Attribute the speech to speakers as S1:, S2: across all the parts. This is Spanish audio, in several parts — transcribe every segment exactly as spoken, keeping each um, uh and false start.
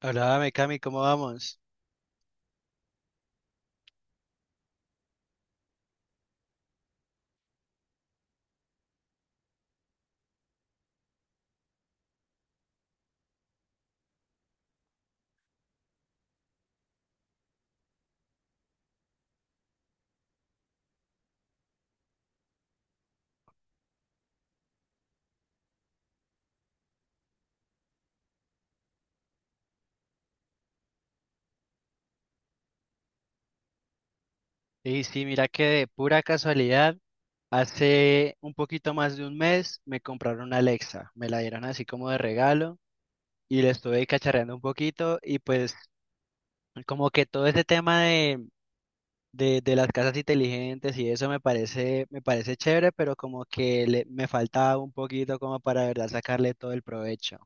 S1: Hola, Cami, ¿cómo vamos? Sí, sí, mira que de pura casualidad, hace un poquito más de un mes me compraron una Alexa, me la dieron así como de regalo y le estuve cacharreando un poquito y pues como que todo ese tema de, de, de las casas inteligentes y eso me parece, me parece chévere, pero como que le- me faltaba un poquito como para de verdad sacarle todo el provecho.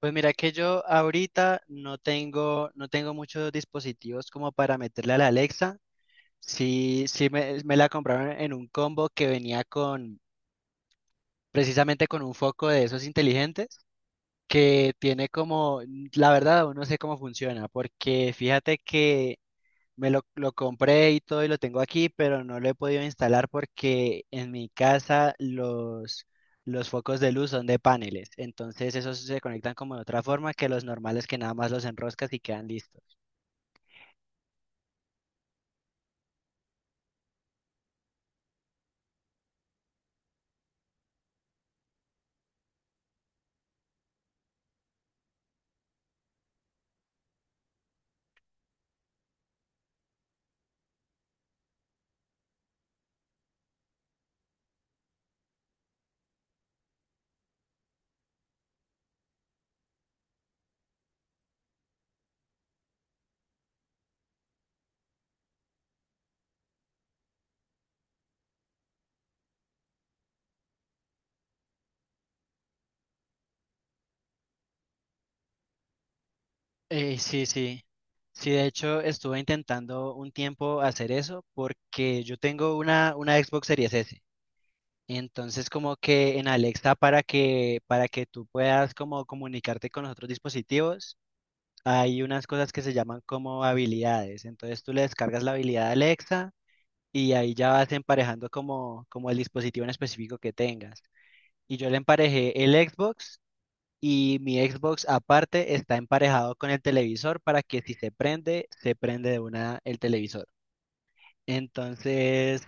S1: Pues mira que yo ahorita no tengo, no tengo muchos dispositivos como para meterle a la Alexa. Sí, sí me, me la compraron en un combo que venía con, precisamente con un foco de esos inteligentes, que tiene como, la verdad, aún no sé cómo funciona, porque fíjate que me lo, lo compré y todo y lo tengo aquí, pero no lo he podido instalar porque en mi casa los, los focos de luz son de paneles, entonces esos se conectan como de otra forma que los normales que nada más los enroscas y quedan listos. Eh, sí, sí. Sí, de hecho estuve intentando un tiempo hacer eso porque yo tengo una, una Xbox Series S. Entonces como que en Alexa para que para que tú puedas como comunicarte con los otros dispositivos, hay unas cosas que se llaman como habilidades. Entonces tú le descargas la habilidad a Alexa y ahí ya vas emparejando como como el dispositivo en específico que tengas. Y yo le emparejé el Xbox y mi Xbox aparte está emparejado con el televisor para que si se prende, se prende de una el televisor. Entonces,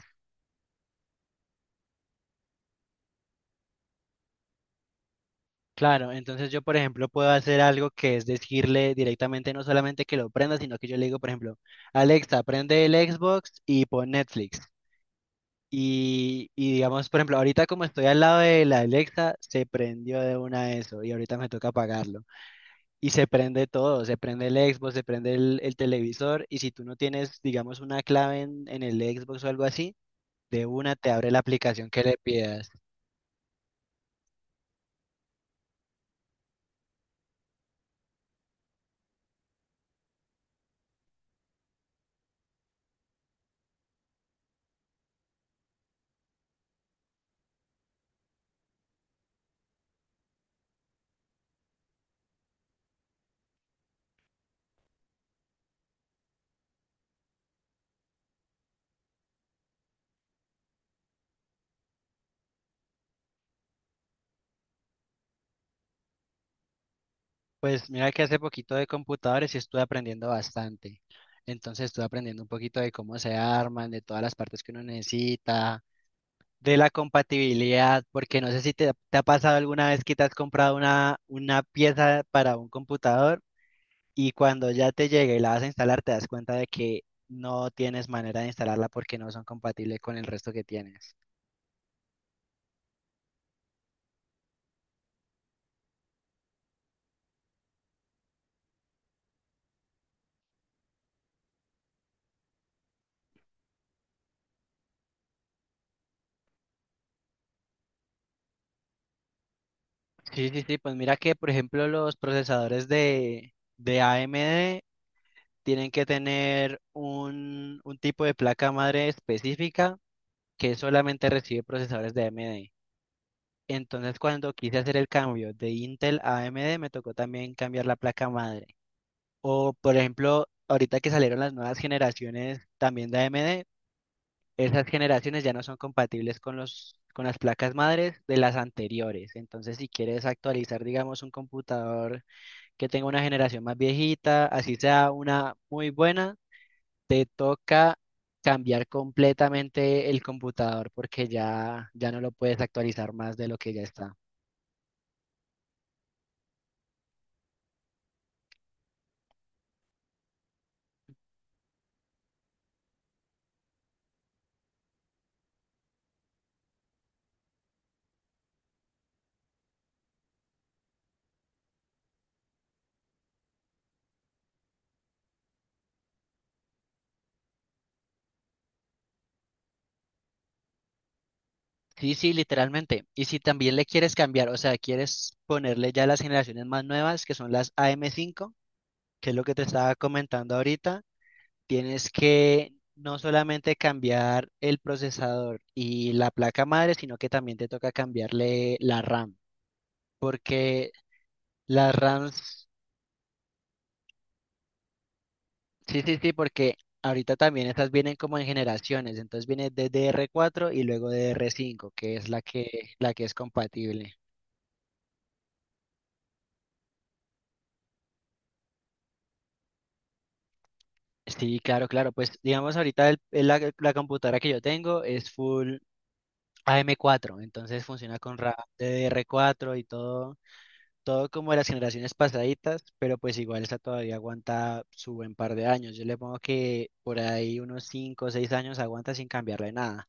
S1: claro, entonces yo, por ejemplo, puedo hacer algo que es decirle directamente no solamente que lo prenda, sino que yo le digo, por ejemplo, Alexa, prende el Xbox y pon Netflix. Y, y digamos, por ejemplo, ahorita como estoy al lado de la Alexa, se prendió de una eso y ahorita me toca apagarlo. Y se prende todo, se prende el Xbox, se prende el, el televisor y si tú no tienes, digamos, una clave en, en el Xbox o algo así, de una te abre la aplicación que le pidas. Pues mira que hace poquito de computadores y estuve aprendiendo bastante. Entonces estuve aprendiendo un poquito de cómo se arman, de todas las partes que uno necesita, de la compatibilidad, porque no sé si te, te ha pasado alguna vez que te has comprado una, una pieza para un computador. Y cuando ya te llega y la vas a instalar, te das cuenta de que no tienes manera de instalarla porque no son compatibles con el resto que tienes. Sí, sí, sí, pues mira que, por ejemplo, los procesadores de, de A M D tienen que tener un, un tipo de placa madre específica que solamente recibe procesadores de A M D. Entonces, cuando quise hacer el cambio de Intel a AMD, me tocó también cambiar la placa madre. O, por ejemplo, ahorita que salieron las nuevas generaciones también de A M D, esas generaciones ya no son compatibles con los, con las placas madres de las anteriores. Entonces, si quieres actualizar, digamos, un computador que tenga una generación más viejita, así sea una muy buena, te toca cambiar completamente el computador porque ya, ya no lo puedes actualizar más de lo que ya está. Sí, sí, literalmente. Y si también le quieres cambiar, o sea, quieres ponerle ya las generaciones más nuevas, que son las A M cinco, que es lo que te estaba comentando ahorita. Tienes que no solamente cambiar el procesador y la placa madre, sino que también te toca cambiarle la RAM. Porque las RAMs, sí, sí, sí, porque ahorita también estas vienen como en generaciones. Entonces viene D D R cuatro y luego D D R cinco, que es la que, la que es compatible. Sí, claro, claro. Pues digamos ahorita el- el- la, la computadora que yo tengo es full A M cuatro, entonces funciona con RAM D D R cuatro y todo todo como de las generaciones pasaditas, pero pues igual esta todavía aguanta su buen par de años. Yo le pongo que por ahí unos cinco o seis años aguanta sin cambiarle nada,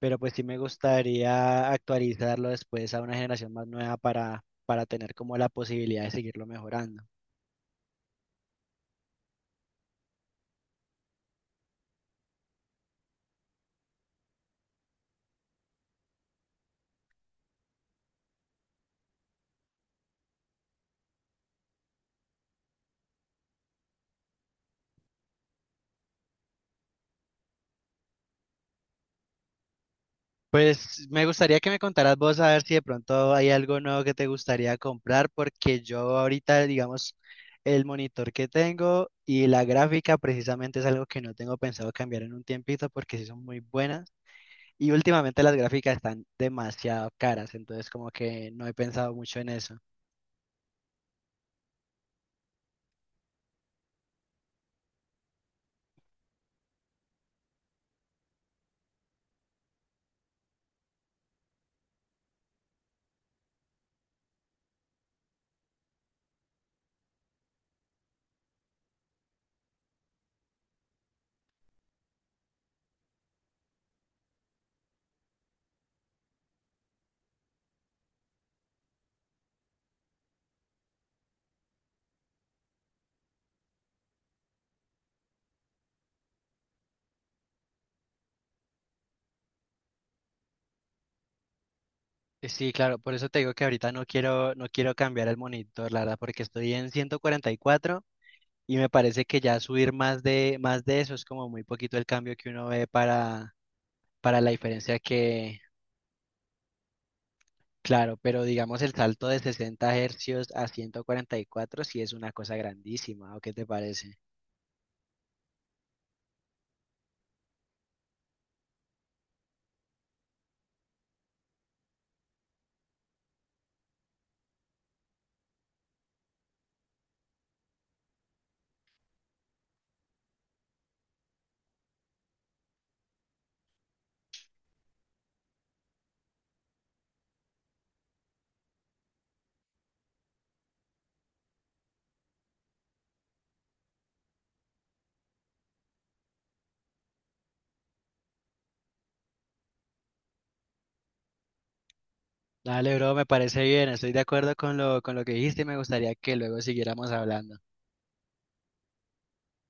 S1: pero pues sí me gustaría actualizarlo después a una generación más nueva para, para tener como la posibilidad de seguirlo mejorando. Pues me gustaría que me contaras vos a ver si de pronto hay algo nuevo que te gustaría comprar, porque yo ahorita, digamos, el monitor que tengo y la gráfica precisamente es algo que no tengo pensado cambiar en un tiempito porque sí son muy buenas y últimamente las gráficas están demasiado caras, entonces como que no he pensado mucho en eso. Eh, Sí, claro, por eso te digo que ahorita no quiero, no quiero cambiar el monitor, la verdad, porque estoy en ciento cuarenta y cuatro y cuatro y me parece que ya subir más de, más de eso es como muy poquito el cambio que uno ve para para la diferencia que, claro, pero digamos el salto de sesenta hercios a ciento cuarenta y cuatro sí es una cosa grandísima, ¿o qué te parece? Dale, bro, me parece bien, estoy de acuerdo con lo, con lo que dijiste y me gustaría que luego siguiéramos hablando.